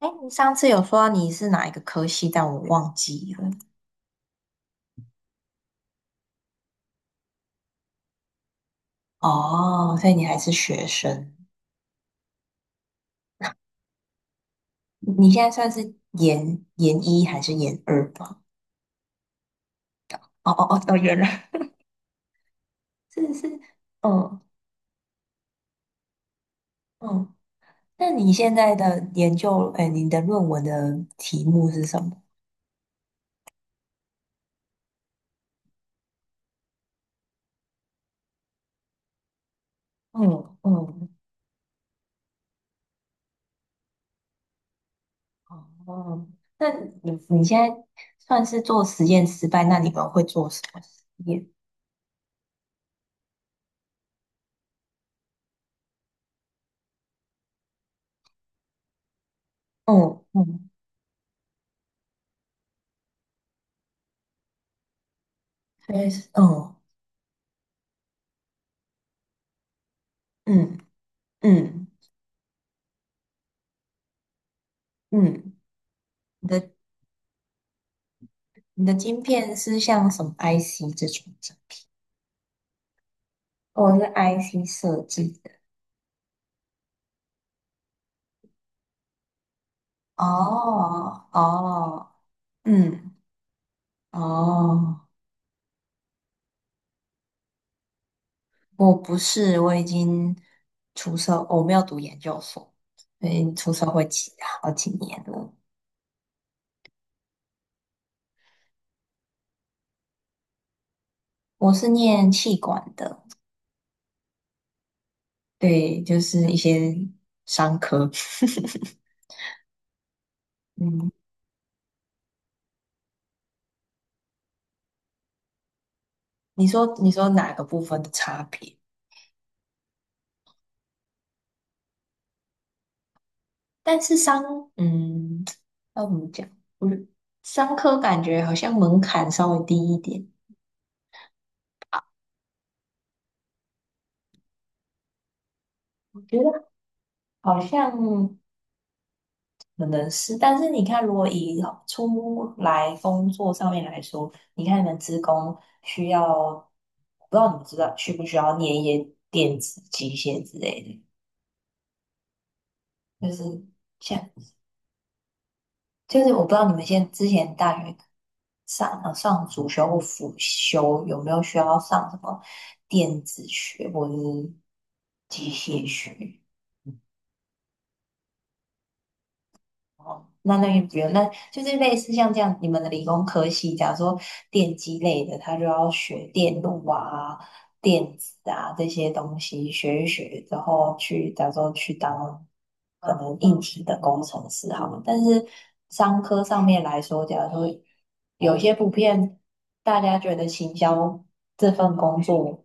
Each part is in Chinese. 哎，你上次有说你是哪一个科系，但我忘记了。哦，所以你还是学生，你现在算是研一还是研二吧？哦，研二，是，嗯嗯。那你现在的研究，哎，你的论文的题目是什么？嗯嗯，哦，那你现在算是做实验失败，那你们会做什么实验？嗯嗯，所以是哦嗯嗯嗯嗯，你的。你的晶片是像什么 IC 这种晶片？我是 IC 设计的。哦哦，嗯哦，我不是，我已经我没有读研究所，所以出社会几好几年了。我是念气管的，对，就是一些商科。嗯，你说哪个部分的差别？但是商，嗯，要怎么讲？我觉得商科感觉好像门槛稍微低一点，我觉得好像可能是。但是你看，如果以出来工作上面来说，你看你们职工需要，不知道你们知道需不需要念一些电子、机械之类的，就是像就是我不知道你们现在之前大学上主修或辅修有没有需要上什么电子学或者是机械学？那也不用，那就是类似像这样，你们的理工科系，假如说电机类的，他就要学电路啊、电子啊这些东西，学一学之后去，假如说去当可能硬体的工程师好了。但是商科上面来说，假如说有些普遍大家觉得行销这份工作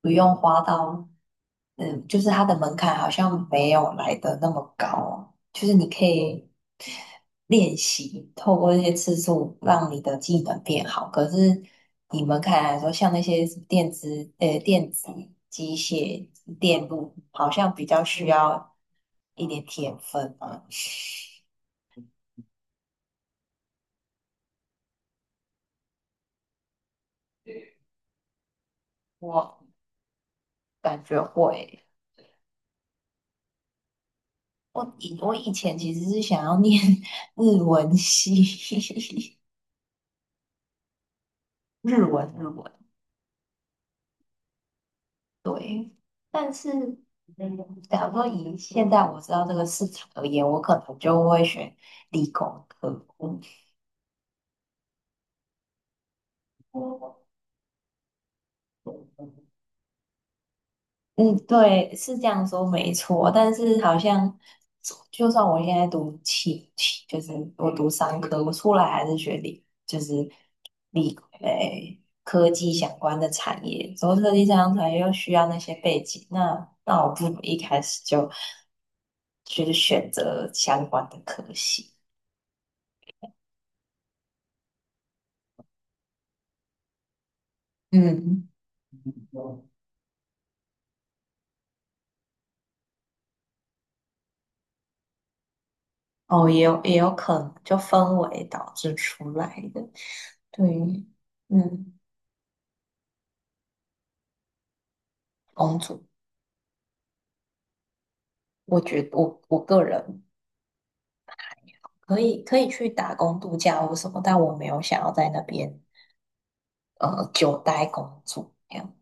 不用花到，嗯，就是它的门槛好像没有来的那么高哦，就是你可以。练习，透过这些次数让你的技能变好。可是你们看来说，像那些电子、机械、电路，好像比较需要一点天分啊。我感觉会，我以前其实是想要念 日文系，日文。对，但是，嗯，假如说以现在我知道这个市场而言，我可能就会选理工科。嗯，对，是这样说没错，但是好像就算我现在读气，气就是我读商科，我出来还是学理，就是理诶、科技相关的产业，做科技相关产业又需要那些背景，那我不如一开始就就是选择相关的科系。嗯，哦，也有可能，就氛围导致出来的。对，于嗯，公主，我觉得我个人可以去打工度假或什么，但我没有想要在那边呃久待工作这样。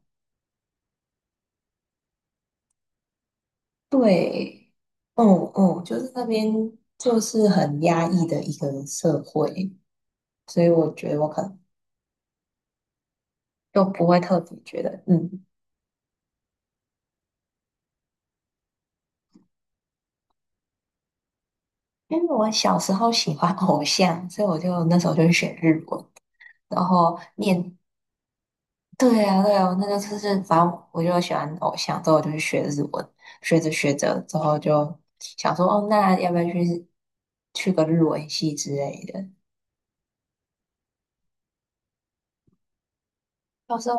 对，嗯嗯，就是那边就是很压抑的一个社会，所以我觉得我可能就不会特别觉得，嗯，因为我小时候喜欢偶像，所以我就那时候就选日文。然后念对呀，对呀，我那个就是反正我就喜欢偶像，之后我就去学日文，学着学着之后就想说，哦，那要不要去个日文系之类的？到时候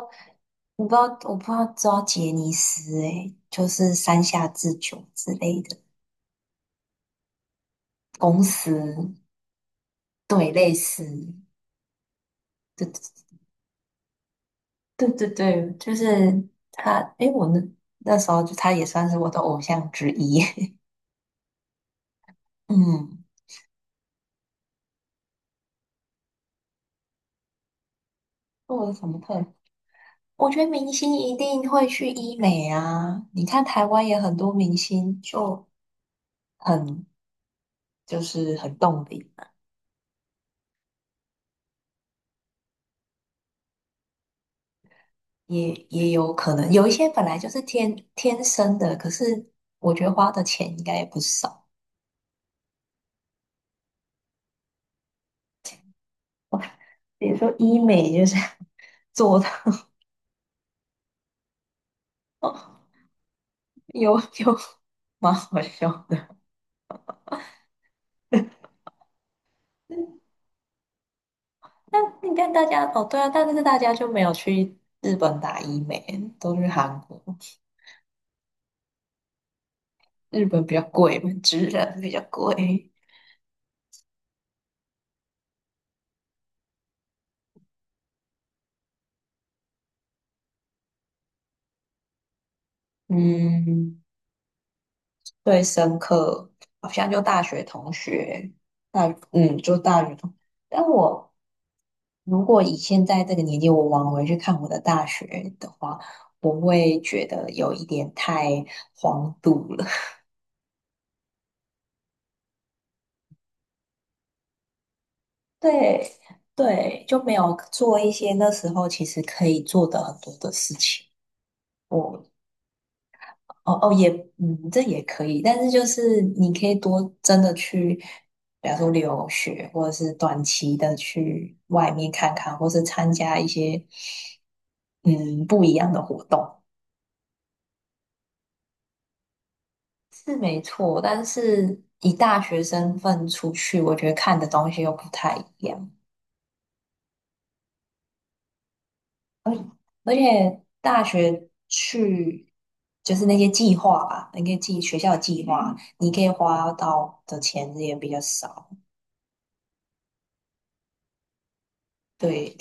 我不知道，我不知道知道杰尼斯诶，就是山下智久之类的公司，对，类似，对对对对，就是他，诶，那时候就他也算是我的偶像之一，嗯，我了什么特我觉得明星一定会去医美啊，你看台湾也很多明星很就很动笔，也有可能有一些本来就是天天生的，可是我觉得花的钱应该也不少。比如说医美就是 做的，有有蛮好笑的。那你看大家哦，对啊，但是大家就没有去日本打医美，都去韩国。日本比较贵嘛，直人比较贵。嗯，最深刻好像就大学同学，就大学同。但我如果以现在这个年纪，我往回去看我的大学的话，我会觉得有一点太荒度了。对对，就没有做一些那时候其实可以做的很多的事情。我。哦哦，也，嗯，这也可以，但是就是你可以多真的去，比方说留学，或者是短期的去外面看看，或是参加一些嗯不一样的活动，是没错。但是以大学身份出去，我觉得看的东西又不太一样，而且大学去就是那些计划吧，那个计学校计划，你可以花到的钱也比较少。对，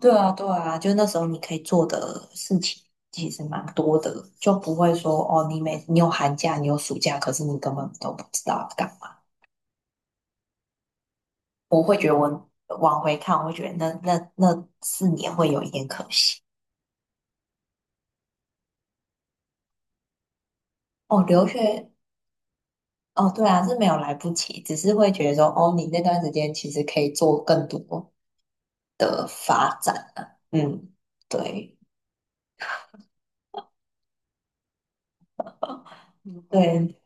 对啊，对啊，就那时候你可以做的事情其实蛮多的，就不会说哦，你有寒假，你有暑假，可是你根本都不知道要干嘛。我会觉得我往回看，我会觉得那四年会有一点可惜。哦，留学，哦，对啊，是没有来不及，只是会觉得说，哦，你那段时间其实可以做更多。嗯，对对。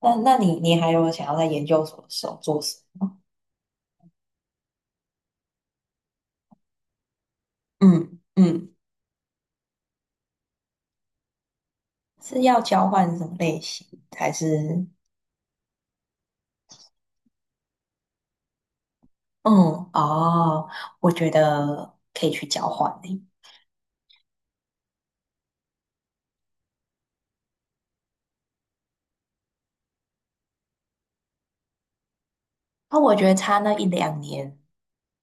那你还有想要在研究所的时候做什么？嗯嗯，是要交换什么类型，还是？嗯，哦，我觉得可以去交换诶。那我觉得差那一两年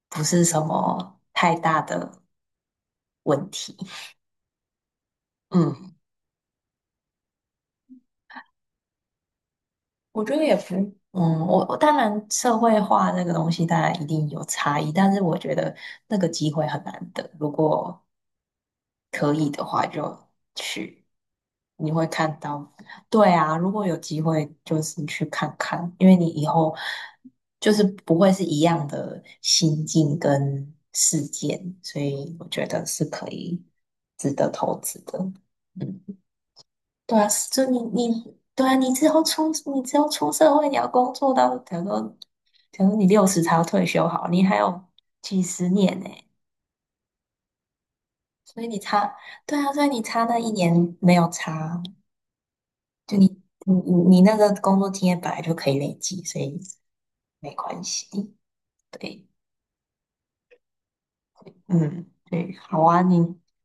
不是什么太大的问题。嗯，我觉得也不，嗯，我当然社会化那个东西当然一定有差异，但是我觉得那个机会很难得。如果可以的话就去，你会看到，对啊，如果有机会就是去看看，因为你以后就是不会是一样的心境跟事件，所以我觉得是可以值得投资的。嗯，对啊，就你对啊，你之后出社会，你要工作到，假如说你60才要退休，好，你还有几十年呢、所以你差，对啊，所以你差那一年没有差，就你那个工作经验本来就可以累积，所以没关系。对，嗯，对，好啊，你，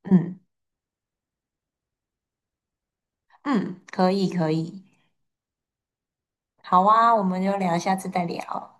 嗯嗯，可以，好啊，我们就聊，下次再聊。